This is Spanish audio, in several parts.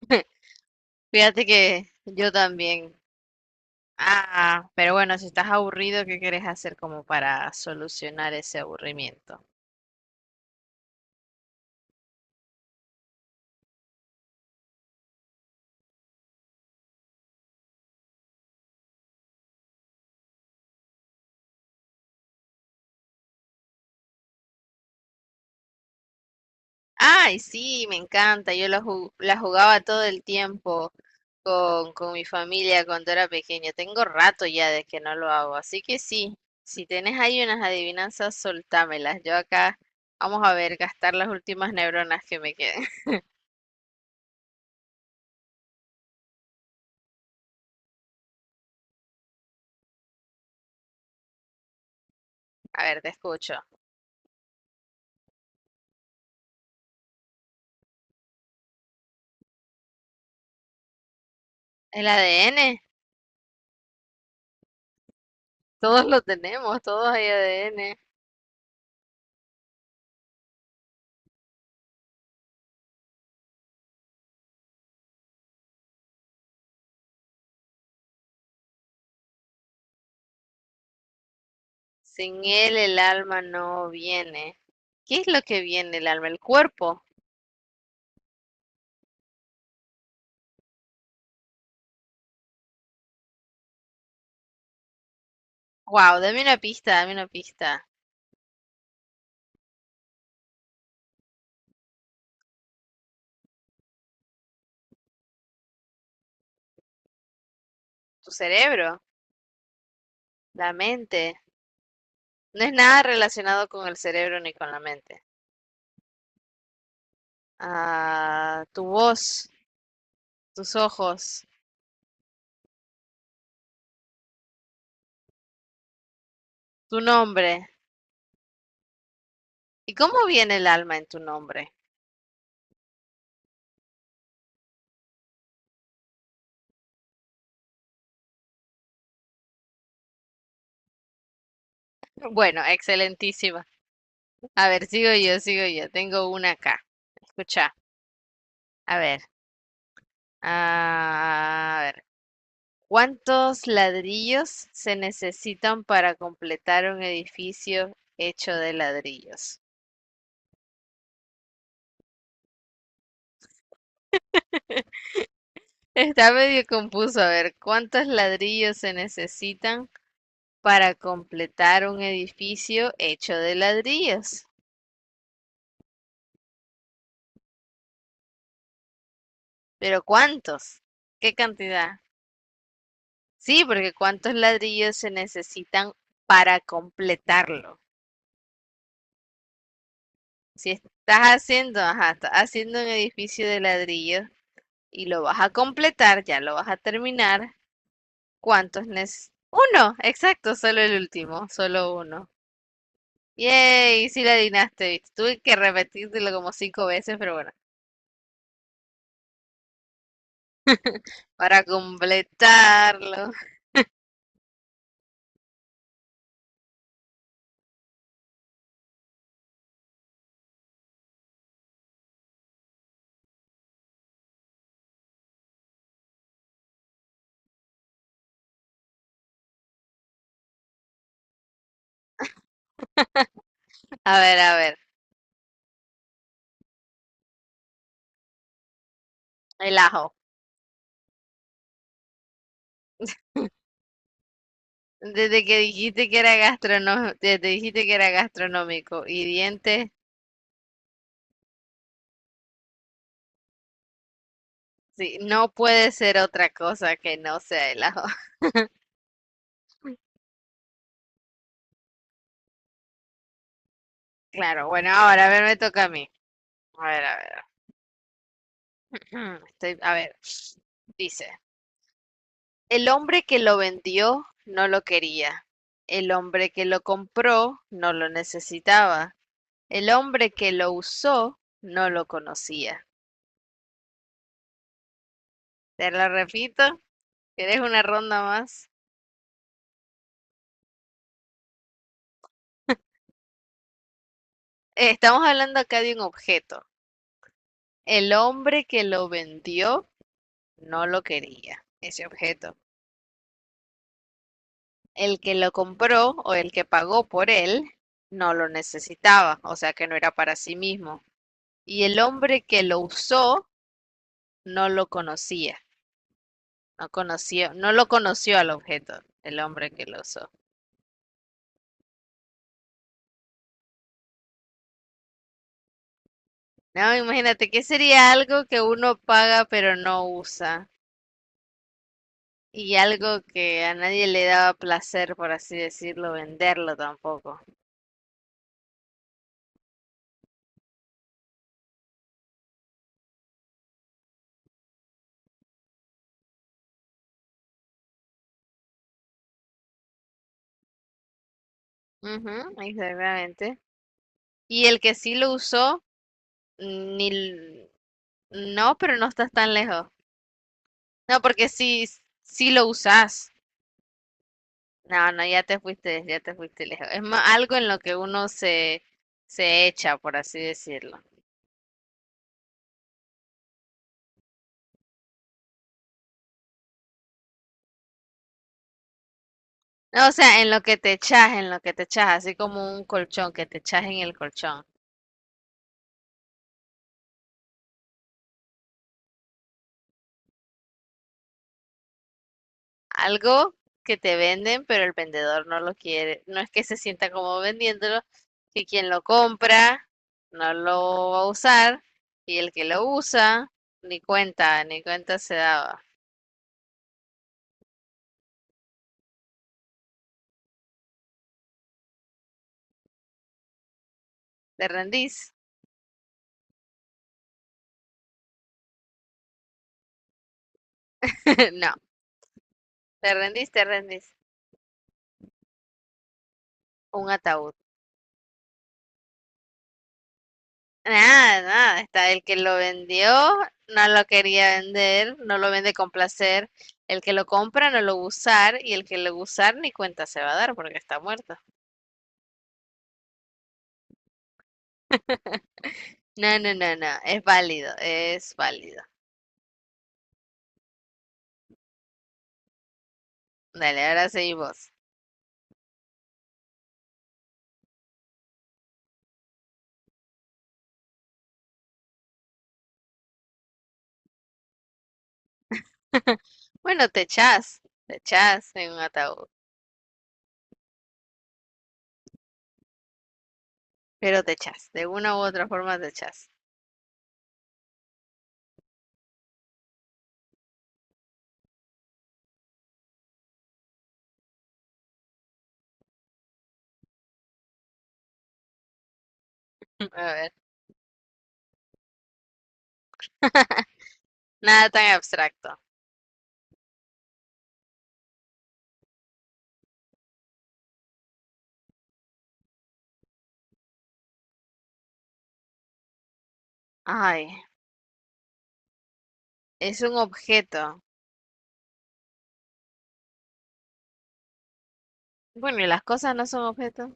Fíjate que yo también. Ah, pero bueno, si estás aburrido, ¿qué quieres hacer como para solucionar ese aburrimiento? Ay, sí, me encanta. Yo la jugaba todo el tiempo con mi familia cuando era pequeña. Tengo rato ya de que no lo hago. Así que sí, si tenés ahí unas adivinanzas, soltámelas. Yo acá vamos a ver, gastar las últimas neuronas que me queden. A ver, te escucho. ¿El ADN? Todos lo tenemos, todos hay ADN. Sin él el alma no viene. ¿Qué es lo que viene el alma? El cuerpo. Wow, dame una pista, dame una pista. Tu cerebro, la mente. No es nada relacionado con el cerebro ni con la mente. Ah, tu voz, tus ojos, tu nombre. ¿Y cómo viene el alma en tu nombre? Bueno, excelentísima. A ver, sigo yo, sigo yo. Tengo una acá. Escucha. A ver. Ah, a ver. ¿Cuántos ladrillos se necesitan para completar un edificio hecho de ladrillos? Está medio confuso. A ver, ¿cuántos ladrillos se necesitan para completar un edificio hecho de ladrillos? Pero ¿cuántos? ¿Qué cantidad? Sí, porque ¿cuántos ladrillos se necesitan para completarlo? Si estás haciendo, ajá, estás haciendo un edificio de ladrillos y lo vas a completar, ya lo vas a terminar, ¿cuántos nes? Uno, exacto, solo el último, solo uno. Yay, sí la adivinaste, ¿viste? Tuve que repetírtelo como cinco veces, pero bueno, para completarlo. A ver, el ajo. Desde que dijiste que era gastronómico, desde dijiste que era gastronómico y dientes, sí, no puede ser otra cosa que no sea el ajo. Claro, bueno, ahora a ver, me toca a mí. A ver, a ver. Estoy, a ver. Dice, el hombre que lo vendió no lo quería; el hombre que lo compró no lo necesitaba; el hombre que lo usó no lo conocía. Te lo repito, ¿quieres una ronda más? Estamos hablando acá de un objeto. El hombre que lo vendió no lo quería, ese objeto. El que lo compró o el que pagó por él no lo necesitaba, o sea que no era para sí mismo. Y el hombre que lo usó no lo conocía. No conoció, no lo conoció al objeto, el hombre que lo usó. No, imagínate, ¿qué sería algo que uno paga pero no usa? Y algo que a nadie le daba placer, por así decirlo, venderlo tampoco. Ujú, exactamente. Y el que sí lo usó, ni... l- no, pero no estás tan lejos. No, porque si, si lo usas. No, no, ya te fuiste lejos. Es más, algo en lo que uno se, se echa, por así decirlo. O sea, en lo que te echas, en lo que te echas, así como un colchón, que te echas en el colchón. Algo que te venden, pero el vendedor no lo quiere. No es que se sienta como vendiéndolo, que quien lo compra no lo va a usar y el que lo usa ni cuenta, ni cuenta se daba. ¿Te rendís? No, te rendís, te rendís. Un ataúd. Nada, nada, está el que lo vendió, no lo quería vender, no lo vende con placer, el que lo compra no lo va a usar y el que lo va a usar ni cuenta se va a dar porque está muerto. No, no, no, no, es válido, es válido. Dale, ahora seguimos. Bueno, te echas en un ataúd, pero te echas, de una u otra forma te echas. A ver, nada tan abstracto. Ay, es un objeto. Bueno, ¿y las cosas no son objetos?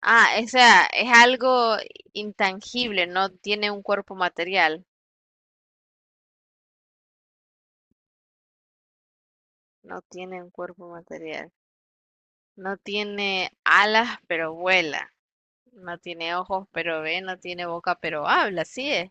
Ah, o sea, es algo intangible, no tiene un cuerpo material, no tiene un cuerpo material, no tiene alas pero vuela, no tiene ojos pero ve, no tiene boca pero habla, así es,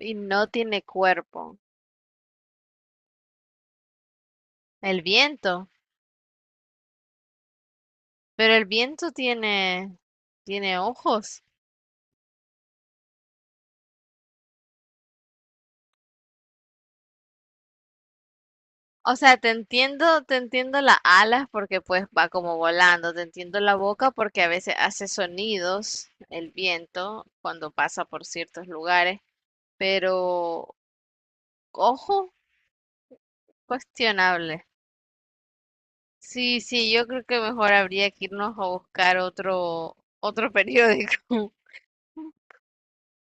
y no tiene cuerpo. El viento, pero el viento tiene, tiene ojos. O sea, te entiendo las alas porque pues va como volando, te entiendo la boca porque a veces hace sonidos el viento cuando pasa por ciertos lugares. Pero ojo, cuestionable. Sí, sí, yo creo que mejor habría que irnos a buscar otro periódico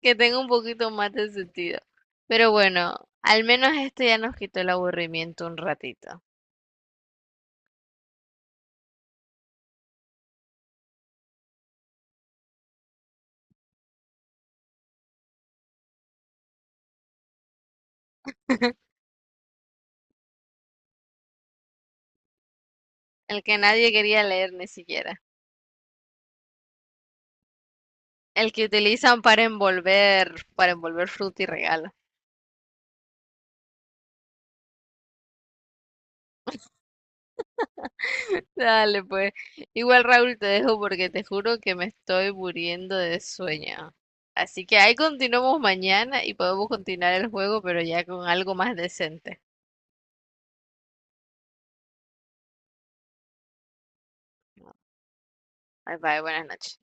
que tenga un poquito más de sentido. Pero bueno, al menos este ya nos quitó el aburrimiento un ratito. El que nadie quería leer ni siquiera. El que utilizan para envolver fruta y regalo. Dale, pues. Igual, Raúl, te dejo porque te juro que me estoy muriendo de sueño. Así que ahí continuamos mañana y podemos continuar el juego, pero ya con algo más decente. Bye bye, buenas noches.